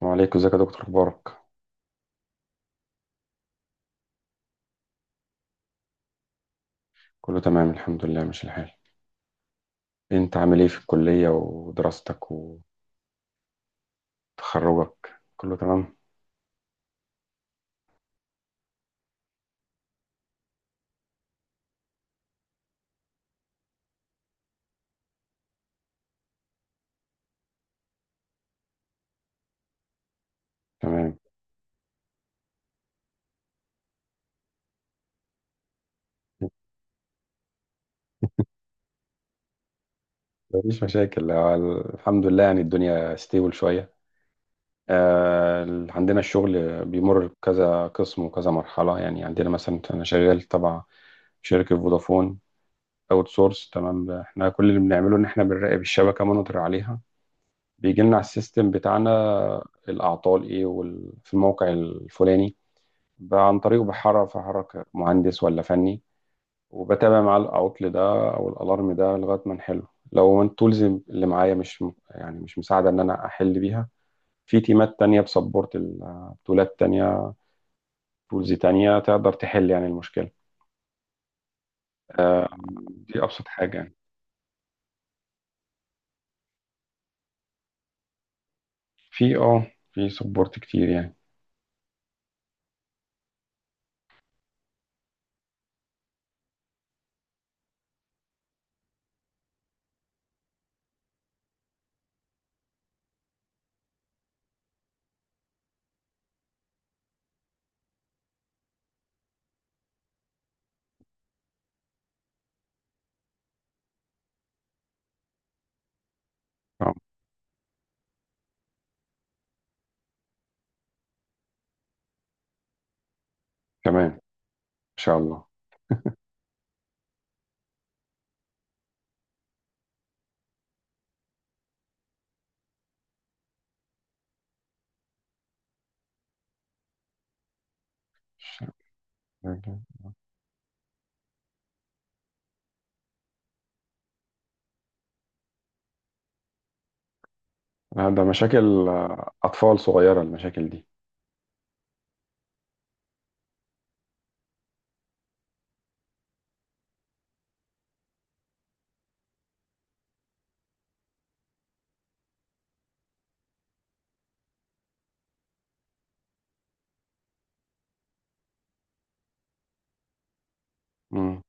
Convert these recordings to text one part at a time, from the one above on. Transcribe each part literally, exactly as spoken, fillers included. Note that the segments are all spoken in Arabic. وعليكم، ازيك يا دكتور؟ اخبارك كله تمام الحمد لله، ماشي الحال. انت عامل ايه في الكلية ودراستك وتخرجك؟ كله تمام. تمام، مفيش مشاكل. اه، الحمد لله، يعني الدنيا ستيبل شوية. آه، ال- عندنا الشغل بيمر بكذا قسم وكذا مرحلة، يعني عندنا مثلا أنا شغال تبع شركة فودافون اوت سورس. تمام، احنا كل اللي بنعمله إن احنا بنراقب الشبكة، مونيتور عليها. بيجي لنا على السيستم بتاعنا الأعطال إيه وال- في الموقع الفلاني، بقى عن طريقه بحرك في حركة مهندس ولا فني. وبتابع معاه العطل ده او الالارم ده لغايه ما نحله. لو التولز اللي معايا مش م- يعني مش مساعده ان انا احل بيها، في تيمات تانية بسبورت ال- تولات تانية، تولز تانية تقدر تحل يعني المشكلة. آه، دي ابسط حاجه يعني. في اه في سبورت كتير يعني. اه كمان ان شاء الله. أوكي. آه، ده مشاكل، آه، اطفال صغيره المشاكل دي. مم.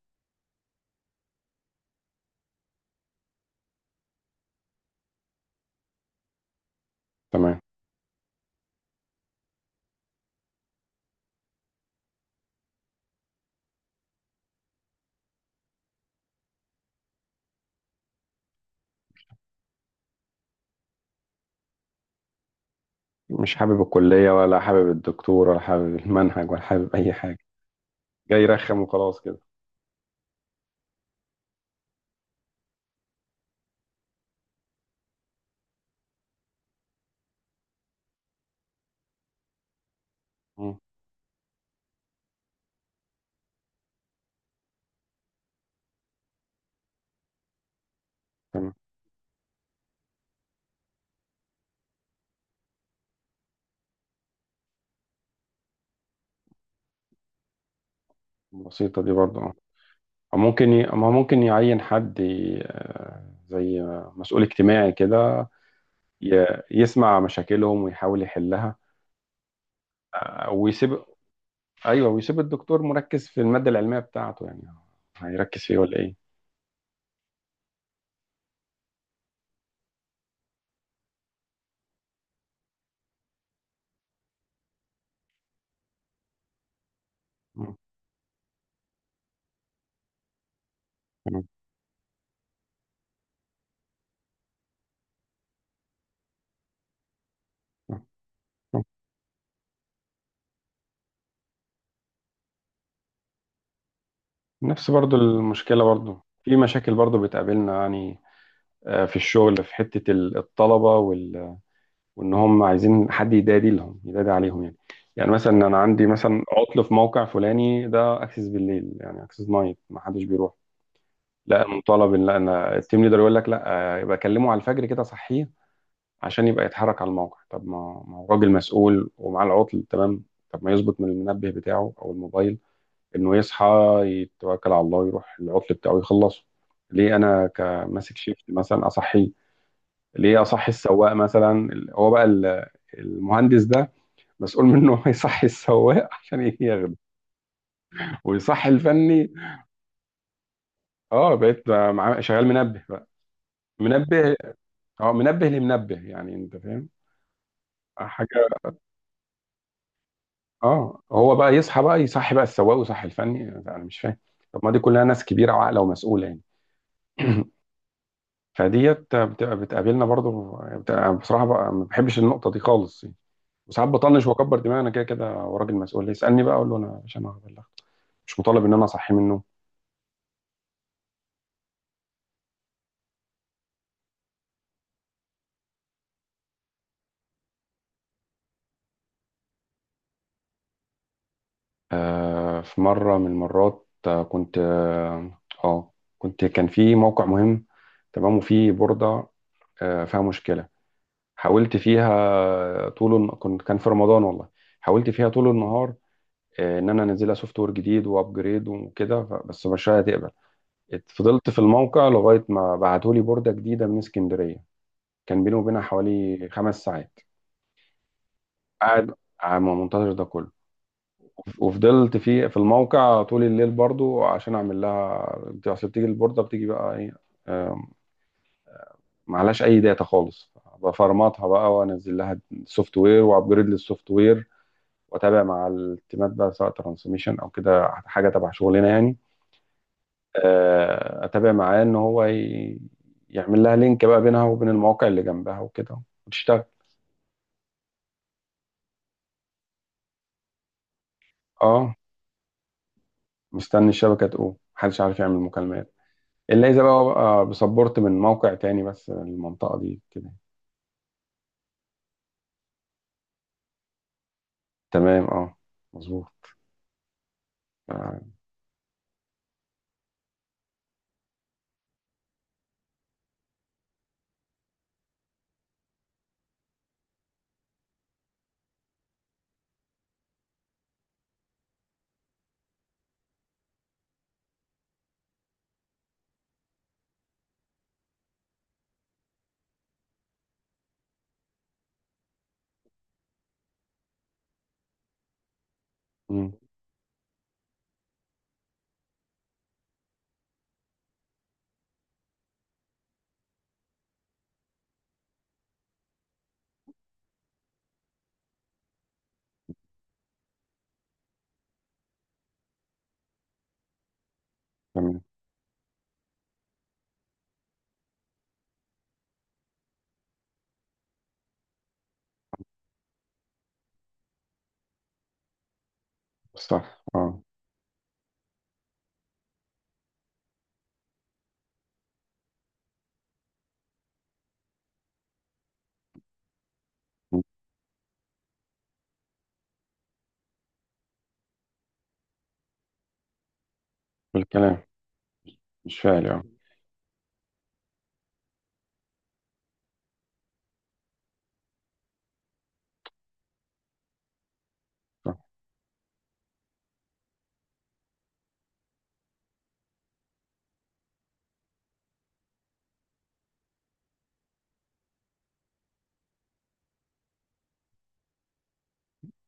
تمام. مش حابب الكلية ولا حابب الدكتور ولا حابب المنهج ولا حابب أي حاجة، جاي يرخم وخلاص كده. مم. تمام. بسيطة دي برضه اه أو ممكن ي... ما ممكن يعين حد ي... آه، زي مسؤول اجتماعي كده، ي... يسمع مشاكلهم ويحاول يحلها. آه، ويسيب أيوه، ويسيب الدكتور مركز في المادة العلمية بتاعته، يعني هيركز فيه ولا إيه؟ مم. تمام. مم. نفس برضو المشكلة، برضو في مشاكل برضو بتقابلنا يعني. آه، في الشغل في حتة ال- الطلبة، وان هم عايزين حد يدادي لهم يدادي عليهم يعني. يعني مثلا انا عندي مثلا عطل في موقع فلاني ده، اكسس بالليل يعني اكسس نايت، ما حدش بيروح. لا، مطالب ان انا التيم ليدر يقول لك لا، يبقى كلمه على الفجر كده صحيه عشان يبقى يتحرك على الموقع. طب ما ما هو راجل مسؤول ومعاه العطل، تمام. طب ما يظبط من المنبه بتاعه او الموبايل انه يصحى، يتوكل على الله ويروح العطل بتاعه يخلصه. ليه انا كماسك شيفت مثلا اصحيه؟ ليه اصحي السواق مثلا؟ هو بقى ال- المهندس ده مسؤول منه. هو يصحي السواق عشان ياخده ويصحي الفني. اه بقيت مع- شغال منبه بقى، منبه. اه منبه لمنبه يعني، انت فاهم، آه، حاجه. اه هو بقى يصحى بقى يصحي بقى السواق ويصحي الفني، انا مش فاهم. طب ما دي كلها ناس كبيره وعاقله ومسؤوله يعني. فديت بتبقى بتقابلنا برضو، بتبقى بصراحه بقى ما بحبش النقطه دي خالص يعني. وساعات بطنش واكبر دماغي، انا كده كده. وراجل مسؤول يسالني بقى اقول له انا مش، انا هبلغ، مش مطالب ان انا اصحي منه. آه، في مرة من المرات، آه، كنت اه آه، كنت كان في موقع مهم، تمام، وفي بوردة آه، فيها مشكلة. حاولت فيها طول الن- كنت كان في رمضان والله، حاولت فيها طول النهار. آه، ان انا انزلها سوفت وير جديد وابجريد وكده، ف- بس مش هتقبل. ات- فضلت في الموقع لغاية ما بعتولي بوردة جديدة من اسكندرية. كان بيني وبينها حوالي خمس ساعات. قاعد عم منتظر ده كله. وفضلت في في الموقع طول الليل برضو عشان اعمل لها بت- اصل بتيجي البورده بتيجي بقى ايه. آم، معلهاش اي داتا خالص، بفرمطها بقى وانزل لها سوفت وير وابجريد للسوفت وير. واتابع مع التيمات بقى سواء ترانسميشن او كده، حاجه تبع شغلنا يعني. آه، اتابع معاه ان هو ي- يعمل لها لينك بقى بينها وبين المواقع اللي جنبها وكده، وتشتغل. اه مستني الشبكه تقوم، محدش عارف يعمل مكالمات الا اذا بقى بقى بسبورت من موقع تاني، بس المنطقه دي كده. تمام. اه مظبوط. آه. مم. تمام. صح. اه بالكلام مش فعلي. اه صح.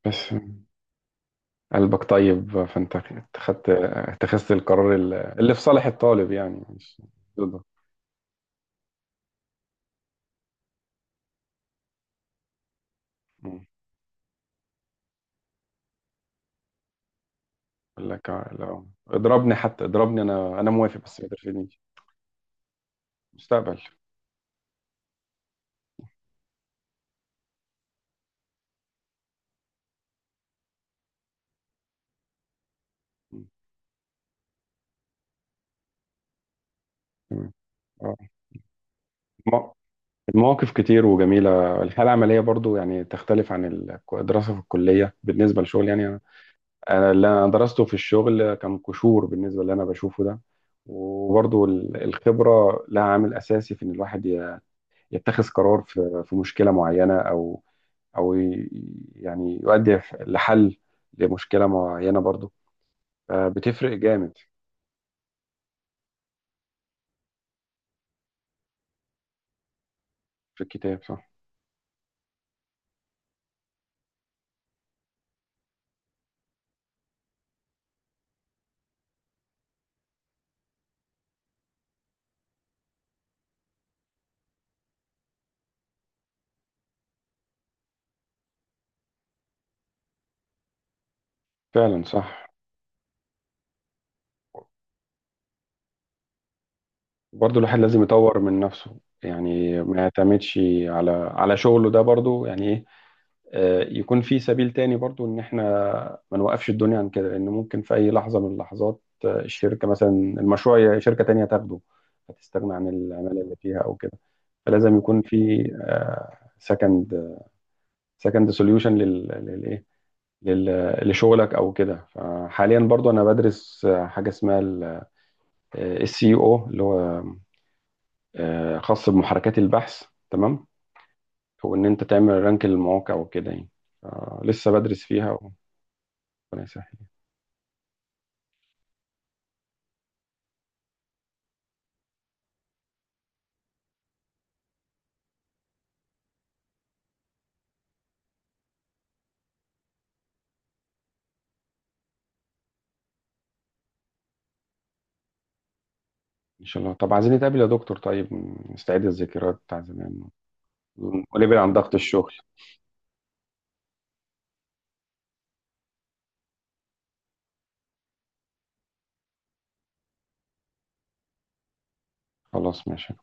بس قلبك طيب، فانت اتخذت اتخذت القرار ال- اللي في صالح الطالب يعني، مش ضده. مم. يقول لك آه، لو اضربني حتى اضربني انا انا موافق بس ما ترفدنيش. مستقبل. مم. تمام. آه. الم- المواقف كتير وجميلة. الحالة العملية برضو يعني تختلف عن الك- الدراسة في الكلية بالنسبة للشغل يعني. انا اللي انا درسته في الشغل كان قشور بالنسبه اللي انا بشوفه ده. وبرضو ال- الخبره لها عامل اساسي في ان الواحد ي- يتخذ قرار في في مشكله معينه، او او ي- يعني يؤدي ف- لحل لمشكله معينه برضو، فبتفرق جامد. في الكتاب صح. فعلا صح. برضو الواحد لازم يطور من نفسه يعني، ما يعتمدش على على شغله ده برضو يعني ايه. آه، يكون في سبيل تاني برضو ان احنا ما نوقفش الدنيا عن كده، لان ممكن في اي لحظه من اللحظات آه، الشركه مثلا المشروع ي- شركه تانية تاخده، هتستغنى عن العماله اللي فيها او كده. فلازم يكون في سكند سكند سوليوشن لل للايه لل- لشغلك او كده. فحاليا برضو انا بدرس آه، حاجه اسمها السي او، اللي هو آه، خاص بمحركات البحث. تمام. وان انت تعمل رانك للمواقع وكده يعني. آه، لسه بدرس فيها وربنا يسهل، ان شاء الله. طب عايزين نتقابل يا دكتور، طيب نستعيد الذكريات بتاع زمان ونبعد عن ضغط الشغل. خلاص، ماشي.